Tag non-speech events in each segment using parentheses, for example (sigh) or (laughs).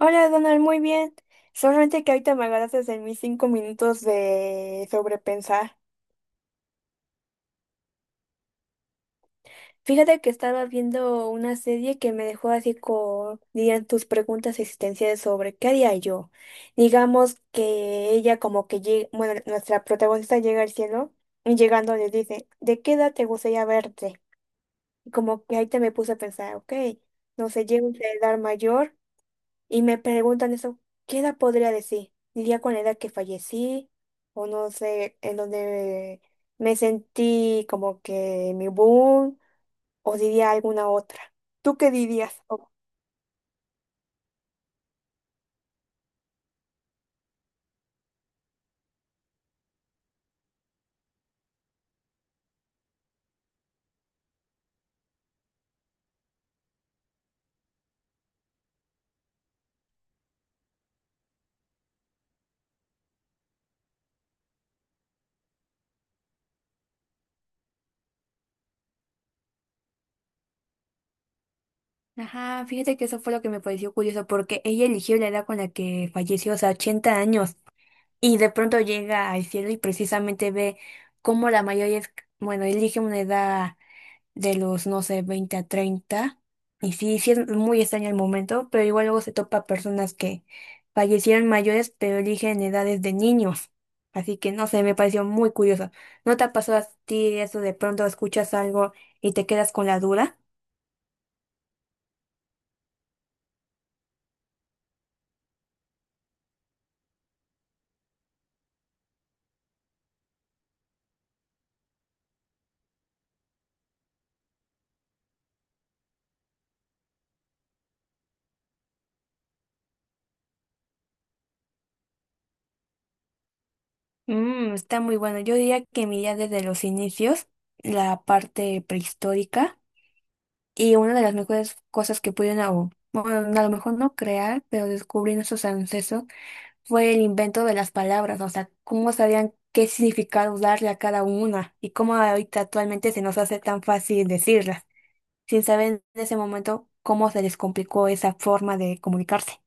Hola Donald, muy bien. Solamente que ahorita me agarraste en mis 5 minutos de sobrepensar. Fíjate que estaba viendo una serie que me dejó así con, dirían, tus preguntas existenciales sobre qué haría yo. Digamos que ella como que llega, bueno, nuestra protagonista llega al cielo y llegando le dice, ¿de qué edad te gustaría verte? Y como que ahí te me puse a pensar, ok, no sé, llego a una edad mayor y me preguntan eso, ¿qué edad podría decir? ¿Diría con la edad que fallecí? O no sé, en donde me sentí como que mi boom, o diría alguna otra. ¿Tú qué dirías? Oh. Ajá, fíjate que eso fue lo que me pareció curioso, porque ella eligió la edad con la que falleció, o sea, 80 años, y de pronto llega al cielo y precisamente ve cómo la mayoría es, bueno, elige una edad de los, no sé, 20 a 30. Y sí, sí es muy extraño el momento, pero igual luego se topa personas que fallecieron mayores, pero eligen edades de niños. Así que no sé, me pareció muy curioso. ¿No te ha pasado a ti eso de pronto escuchas algo y te quedas con la duda? Mm, está muy bueno. Yo diría que mi idea desde los inicios, la parte prehistórica, y una de las mejores cosas que pudieron, o, bueno, a lo mejor no crear, pero descubrir nuestros ancestros fue el invento de las palabras, o sea, cómo sabían qué significado darle a cada una y cómo ahorita actualmente se nos hace tan fácil decirlas, sin saber en ese momento cómo se les complicó esa forma de comunicarse.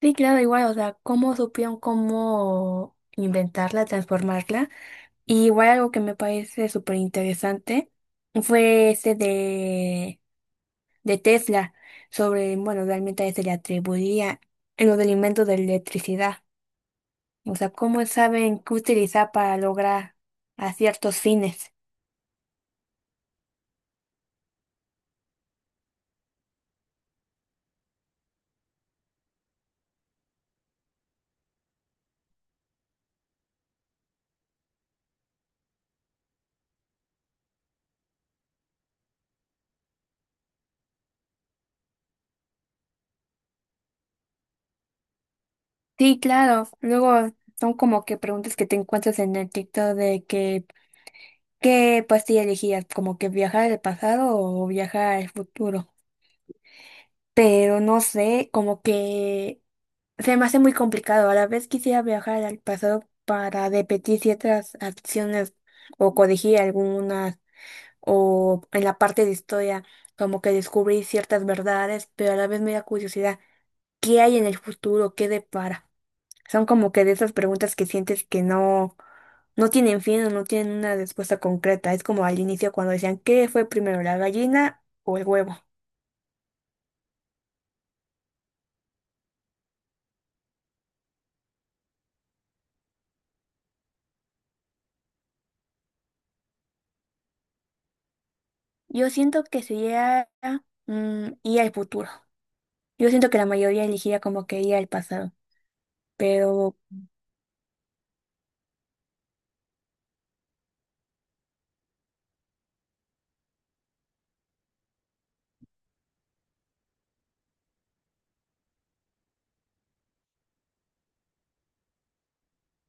Sí, claro, igual, o sea, cómo supieron cómo inventarla, transformarla. Y igual algo que me parece súper interesante fue ese de Tesla, sobre, bueno, realmente a él se le atribuía en lo del invento de la electricidad. O sea, ¿cómo saben qué utilizar para lograr a ciertos fines? Sí, claro. Luego son como que preguntas que te encuentras en el TikTok de que, ¿qué pastilla elegías? Como que viajar al pasado o viajar al futuro. Pero no sé, como que se me hace muy complicado. A la vez quisiera viajar al pasado para repetir ciertas acciones o corregir algunas o en la parte de historia como que descubrir ciertas verdades, pero a la vez me da curiosidad. ¿Qué hay en el futuro? ¿Qué depara? Son como que de esas preguntas que sientes que no tienen fin o no tienen una respuesta concreta. Es como al inicio cuando decían, ¿qué fue primero, la gallina o el huevo? Yo siento que sería mm, ir al futuro. Yo siento que la mayoría elegiría como que ir al pasado. Pero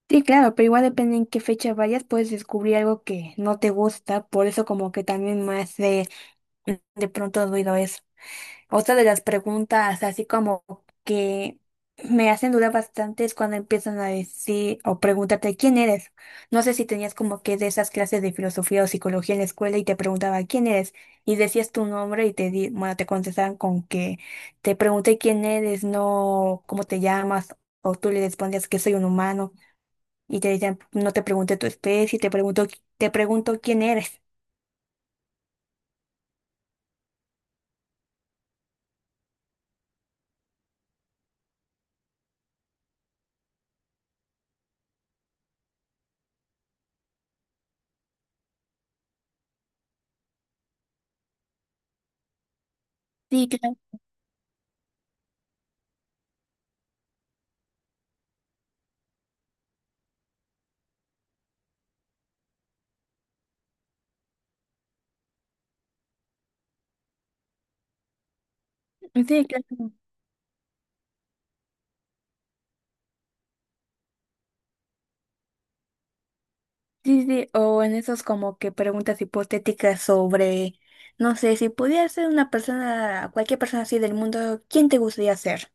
sí, claro, pero igual depende en qué fecha vayas, puedes descubrir algo que no te gusta. Por eso como que también me hace de pronto ruido eso. Otra de las preguntas, así como que me hacen dudar bastante, es cuando empiezan a decir o pregúntate quién eres. No sé si tenías como que de esas clases de filosofía o psicología en la escuela y te preguntaba quién eres y decías tu nombre y te di, bueno, te contestaban con que te pregunté quién eres, no cómo te llamas o tú le respondías que soy un humano y te decían no te pregunté tu especie, te pregunto quién eres. Sí, claro. Sí, claro. Sí, sí, o en esos como que preguntas hipotéticas sobre, no sé, si pudieras ser una persona, cualquier persona así del mundo, ¿quién te gustaría ser?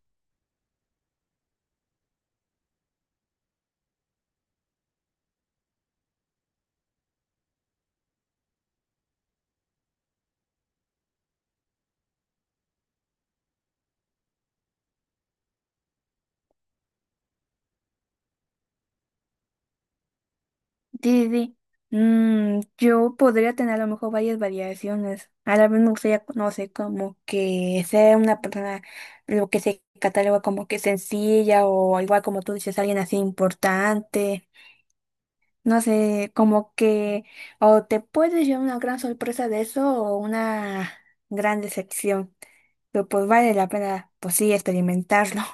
Sí, sí. Mm, yo podría tener a lo mejor varias variaciones. A la vez me gustaría, no sé, como que ser una persona, lo que se cataloga como que sencilla o igual como tú dices, alguien así importante. No sé, como que o te puedes llevar una gran sorpresa de eso o una gran decepción. Pero pues vale la pena, pues sí, experimentarlo. (laughs)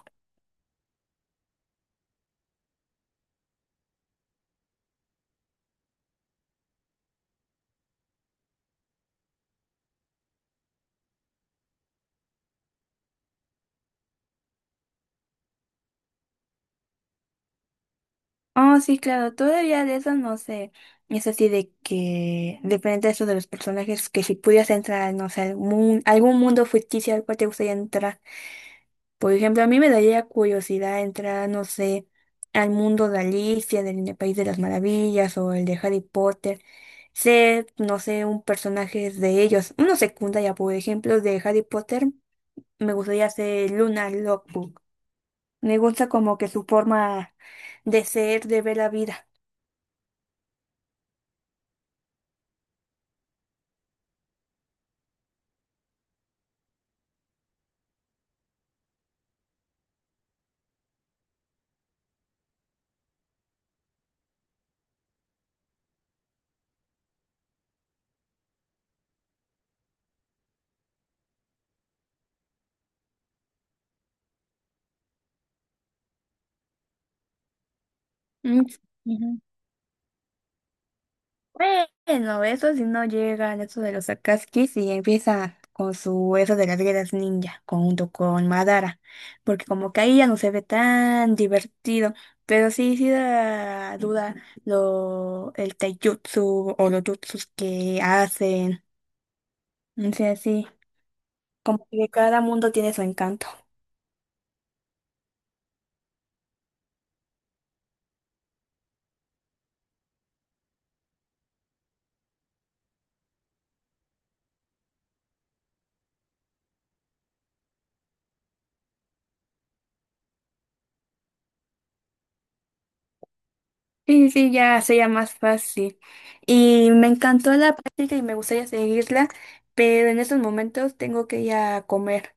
Oh, sí, claro, todavía de eso no sé. Es así de que depende de eso de los personajes, que si pudieras entrar, no sé, algún mundo ficticio al cual te gustaría entrar. Por ejemplo, a mí me daría curiosidad entrar, no sé, al mundo de Alicia, del País de las Maravillas o el de Harry Potter. Ser, no sé, un personaje de ellos. Uno secundaria, por ejemplo, de Harry Potter, me gustaría ser Luna Lovegood. Me gusta como que su forma de ser, de ver la vida. Mm, ujú. Bueno, eso si no llega al eso de los Akatsuki y empieza con su eso de las guerras ninja, junto con Madara, porque como que ahí ya no se ve tan divertido, pero sí, sí da duda lo, el taijutsu o los jutsus que hacen, o sea, sí, como que cada mundo tiene su encanto. Sí, sí, ya sería más fácil. Y me encantó la práctica y me gustaría seguirla, pero en estos momentos tengo que ir a comer.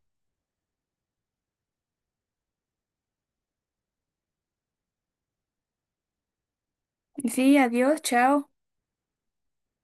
Sí, adiós, chao.